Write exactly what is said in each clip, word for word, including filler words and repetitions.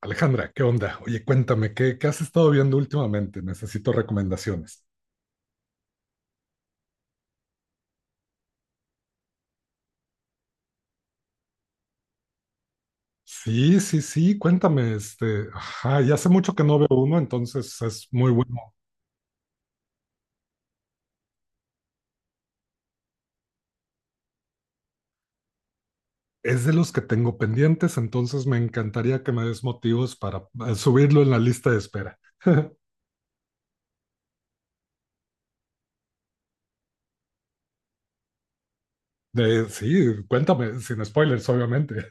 Alejandra, ¿qué onda? Oye, cuéntame, ¿qué, qué has estado viendo últimamente? Necesito recomendaciones. Sí, sí, sí, cuéntame, este, ajá, ya hace mucho que no veo uno, entonces es muy bueno. Es de los que tengo pendientes, entonces me encantaría que me des motivos para eh, subirlo en la lista de espera. De, sí, cuéntame, sin spoilers, obviamente.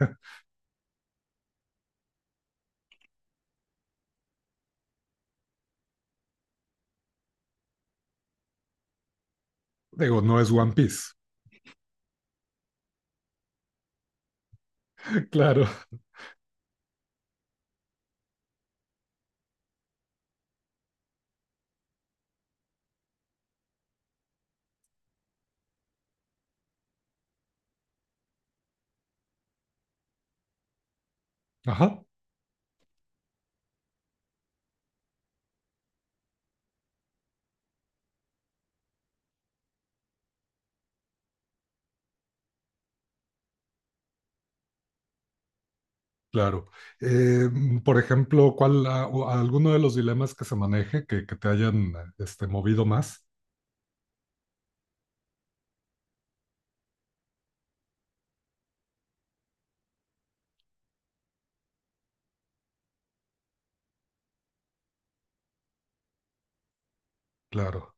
Digo, no es One Piece. Claro. Ajá. Claro. Eh, mm, por ejemplo, ¿cuál, ah, o alguno de los dilemas que se maneje que, que te hayan eh, este, movido más? Claro,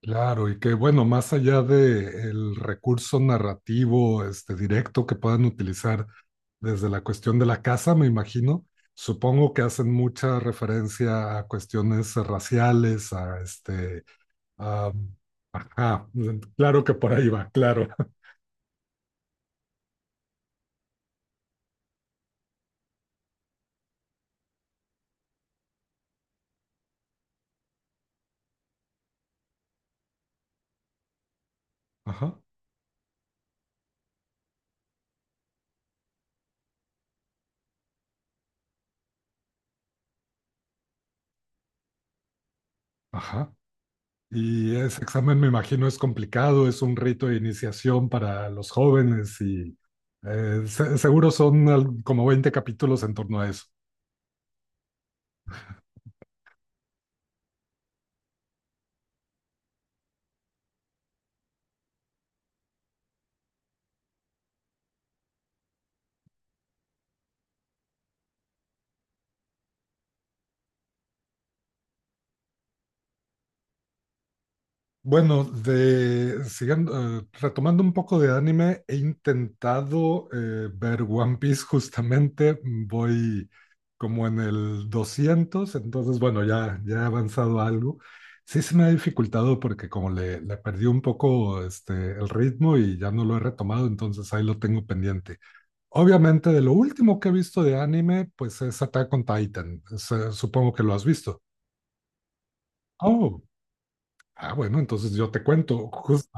claro. Y que bueno, más allá del recurso narrativo este, directo que puedan utilizar desde la cuestión de la casa, me imagino, supongo que hacen mucha referencia a cuestiones raciales, a este, a- ajá, claro que por ahí va, claro. Ajá, ajá. Y ese examen, me imagino, es complicado, es un rito de iniciación para los jóvenes y eh, se- seguro son al- como veinte capítulos en torno a eso. Bueno, de, siguiendo, eh, retomando un poco de anime, he intentado eh, ver One Piece justamente, mm, voy como en el doscientos, entonces bueno, ya, ya he avanzado algo. Sí se me ha dificultado porque como le, le perdí un poco este, el ritmo y ya no lo he retomado, entonces ahí lo tengo pendiente. Obviamente de lo último que he visto de anime, pues es Attack on Titan. Se- supongo que lo has visto. Oh, ah bueno, entonces yo te cuento, justo.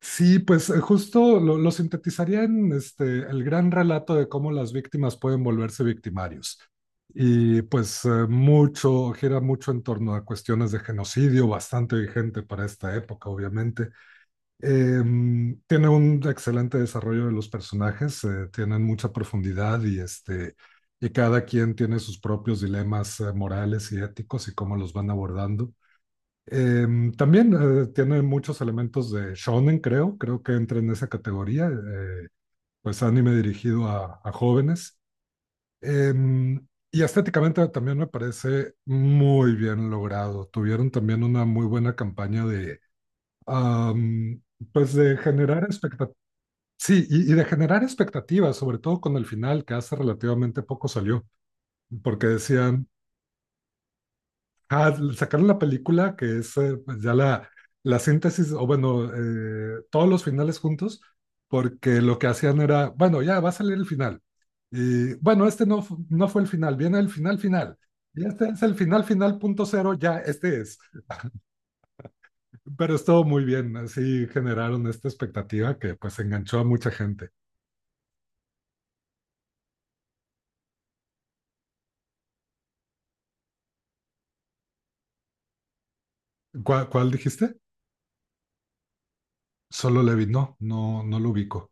Sí, pues eh, justo lo, lo sintetizaría en este el gran relato de cómo las víctimas pueden volverse victimarios. Y pues eh, mucho, gira mucho en torno a cuestiones de genocidio, bastante vigente para esta época, obviamente. Em, tiene un excelente desarrollo de los personajes, eh, tienen mucha profundidad y, este, y cada quien tiene sus propios dilemas eh, morales y éticos y cómo los van abordando. Em, también eh, tiene muchos elementos de shonen, creo, creo que entra en esa categoría, eh, pues anime dirigido a, a jóvenes. Em, y estéticamente también me parece muy bien logrado. Tuvieron también una muy buena campaña de, am, pues de generar expectativas. Sí, y, y de generar expectativas, sobre todo con el final, que hace relativamente poco salió, porque decían, ah, sacaron la película, que es eh, pues ya la, la síntesis, o bueno, eh, todos los finales juntos, porque lo que hacían era, bueno, ya va a salir el final. Y bueno, este no, fu- no fue el final, viene el final final. Y este es el final final punto cero, ya, este es. Pero estuvo muy bien, así generaron esta expectativa que pues enganchó a mucha gente. ¿Cuál, cuál dijiste? Solo Levi, no, no, no lo ubico,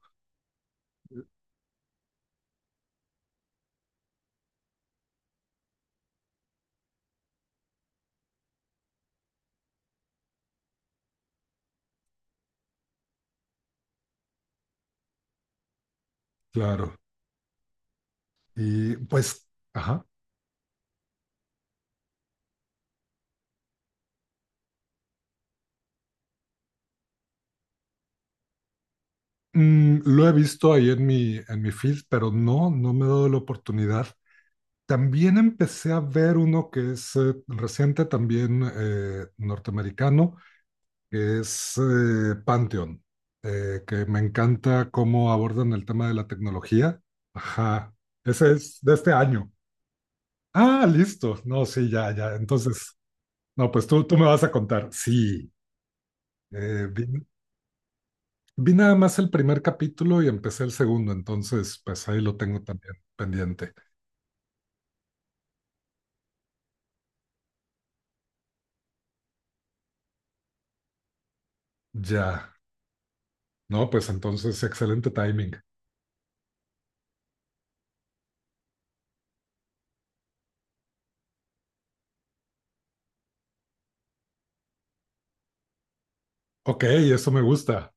claro. Y pues, ajá. Mm, lo he visto ahí en mi, en mi feed, pero no, no me he dado la oportunidad. También empecé a ver uno que es eh, reciente, también eh, norteamericano, que es eh, Pantheon, eh, que me encanta cómo abordan el tema de la tecnología. Ajá, ese es de este año. Ah, listo. No, sí, ya, ya. Entonces, no, pues tú, tú me vas a contar. Sí, eh, vi. Vi nada más el primer capítulo y empecé el segundo, entonces pues ahí lo tengo también pendiente. Ya, no, pues entonces excelente timing. OK, eso me gusta.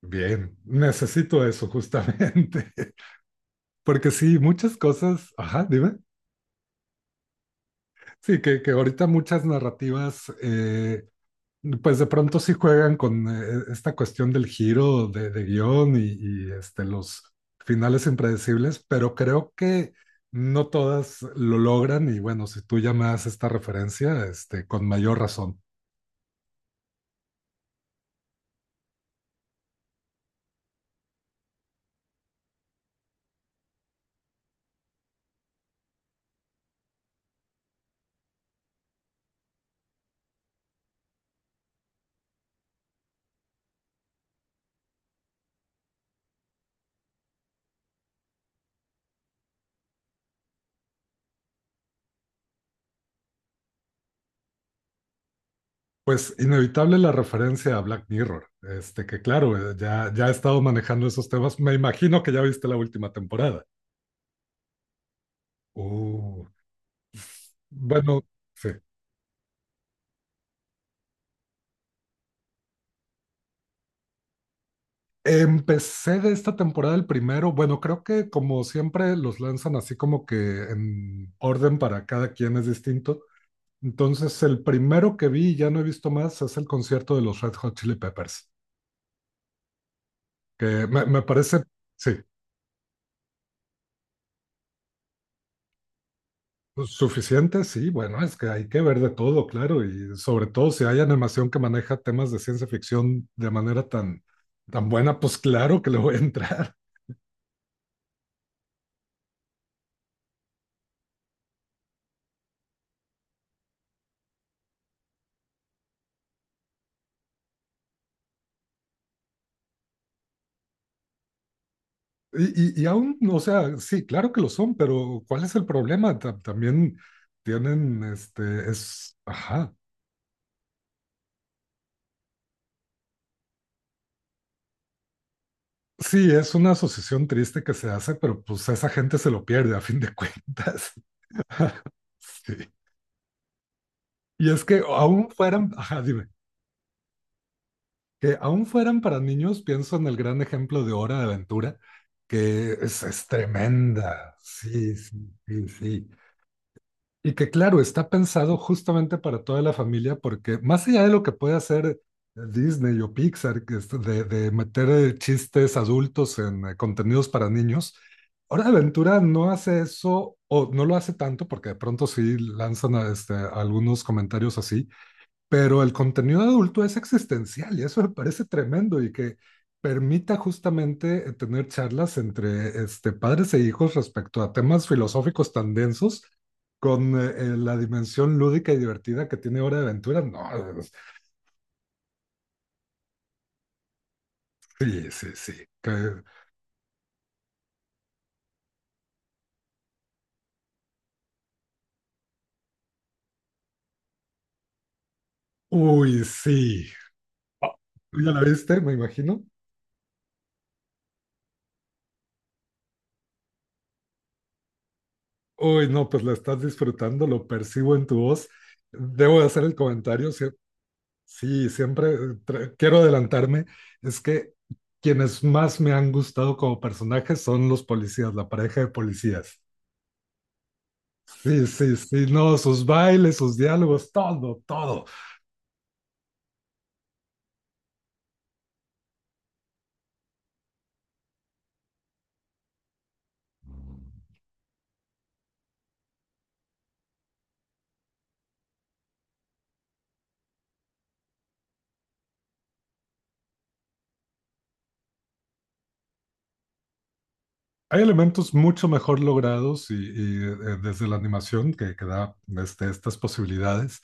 Bien, necesito eso justamente, porque sí, muchas cosas, ajá, dime, sí, que, que ahorita muchas narrativas eh, pues de pronto sí juegan con eh, esta cuestión del giro de, de guión y, y, este, los finales impredecibles, pero creo que no todas lo logran y bueno, si tú ya esta referencia, este, con mayor razón. Pues inevitable la referencia a Black Mirror, este, que claro, eh, ya, ya he estado manejando esos temas, me imagino que ya viste la última temporada. Uh, bueno, sí. Empecé de esta temporada el primero. Bueno, creo que como siempre los lanzan así como que en orden para cada quien es distinto. Entonces, el primero que vi y ya no he visto más es el concierto de los Red Hot Chili Peppers, que me, me parece, sí, suficiente, sí, bueno, es que hay que ver de todo, claro, y sobre todo si hay animación que maneja temas de ciencia ficción de manera tan, tan buena, pues claro que le voy a entrar. Y, y, y aún, o sea, sí, claro que lo son, pero ¿cuál es el problema? Ta- también tienen, este, es, ajá, sí, es una asociación triste que se hace, pero pues esa gente se lo pierde a fin de cuentas. Sí. Y es que aún fueran, ajá, dime, que aún fueran para niños, pienso en el gran ejemplo de Hora de Aventura, que es, es tremenda. Sí, sí, sí, sí. Y que claro, está pensado justamente para toda la familia, porque más allá de lo que puede hacer Disney o Pixar, que es de, de meter eh, chistes adultos en eh, contenidos para niños. Hora de Aventura no hace eso o no lo hace tanto, porque de pronto sí lanzan a, este, algunos comentarios así, pero el contenido adulto es existencial y eso me parece tremendo y que permita justamente eh, tener charlas entre este, padres e hijos respecto a temas filosóficos tan densos con eh, eh, la dimensión lúdica y divertida que tiene Hora de Aventura. No, es- sí, sí, sí. que- Uy, sí. ¿Tú ya la viste, me imagino? Uy, no, pues la estás disfrutando, lo percibo en tu voz. Debo de hacer el comentario, sí, sí, siempre eh, tra- quiero adelantarme. Es que quienes más me han gustado como personajes son los policías, la pareja de policías. Sí, sí, sí, no, sus bailes, sus diálogos, todo, todo. Hay elementos mucho mejor logrados y, y, eh, desde la animación que, que da este, estas posibilidades.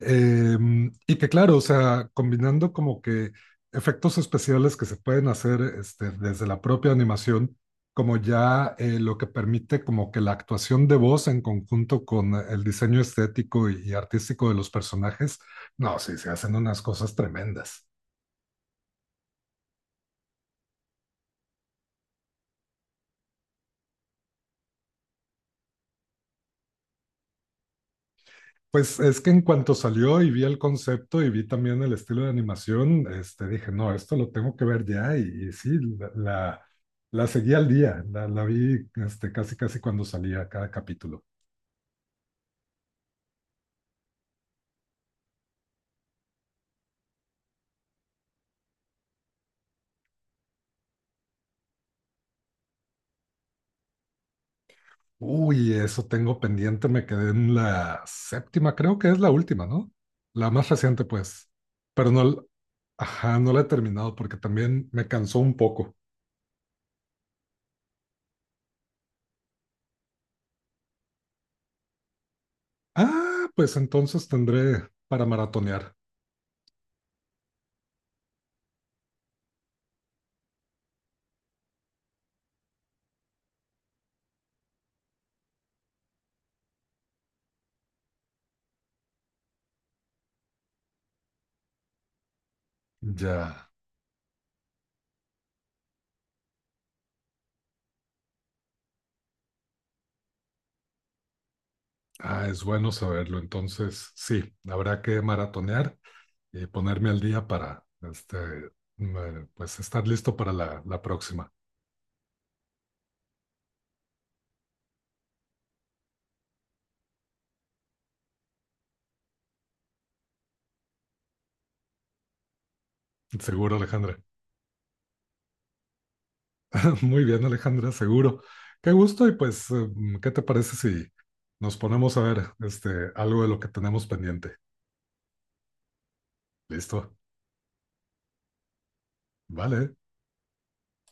Em, y que claro, o sea, combinando como que efectos especiales que se pueden hacer este desde la propia animación, como ya eh, lo que permite como que la actuación de voz en conjunto con el diseño estético y, y artístico de los personajes, no, sí, se hacen unas cosas tremendas. Pues es que en cuanto salió y vi el concepto y vi también el estilo de animación, este, dije, no, esto lo tengo que ver ya. Y, y sí, la, la, la seguí al día, la, la vi este, casi casi cuando salía cada capítulo. Uy, eso tengo pendiente, me quedé en la séptima, creo que es la última, ¿no? La más reciente, pues. Pero no, l- ajá, no la he terminado porque también me cansó un poco. Ah, pues entonces tendré para maratonear. Ya. Ah, es bueno saberlo. Entonces, sí, habrá que maratonear y ponerme al día para este, eh, pues estar listo para la, la próxima. Seguro, Alejandra. Muy bien, Alejandra, seguro. Qué gusto y pues, eh, ¿qué te parece si nos ponemos a ver este, algo de lo que tenemos pendiente? Listo. Vale.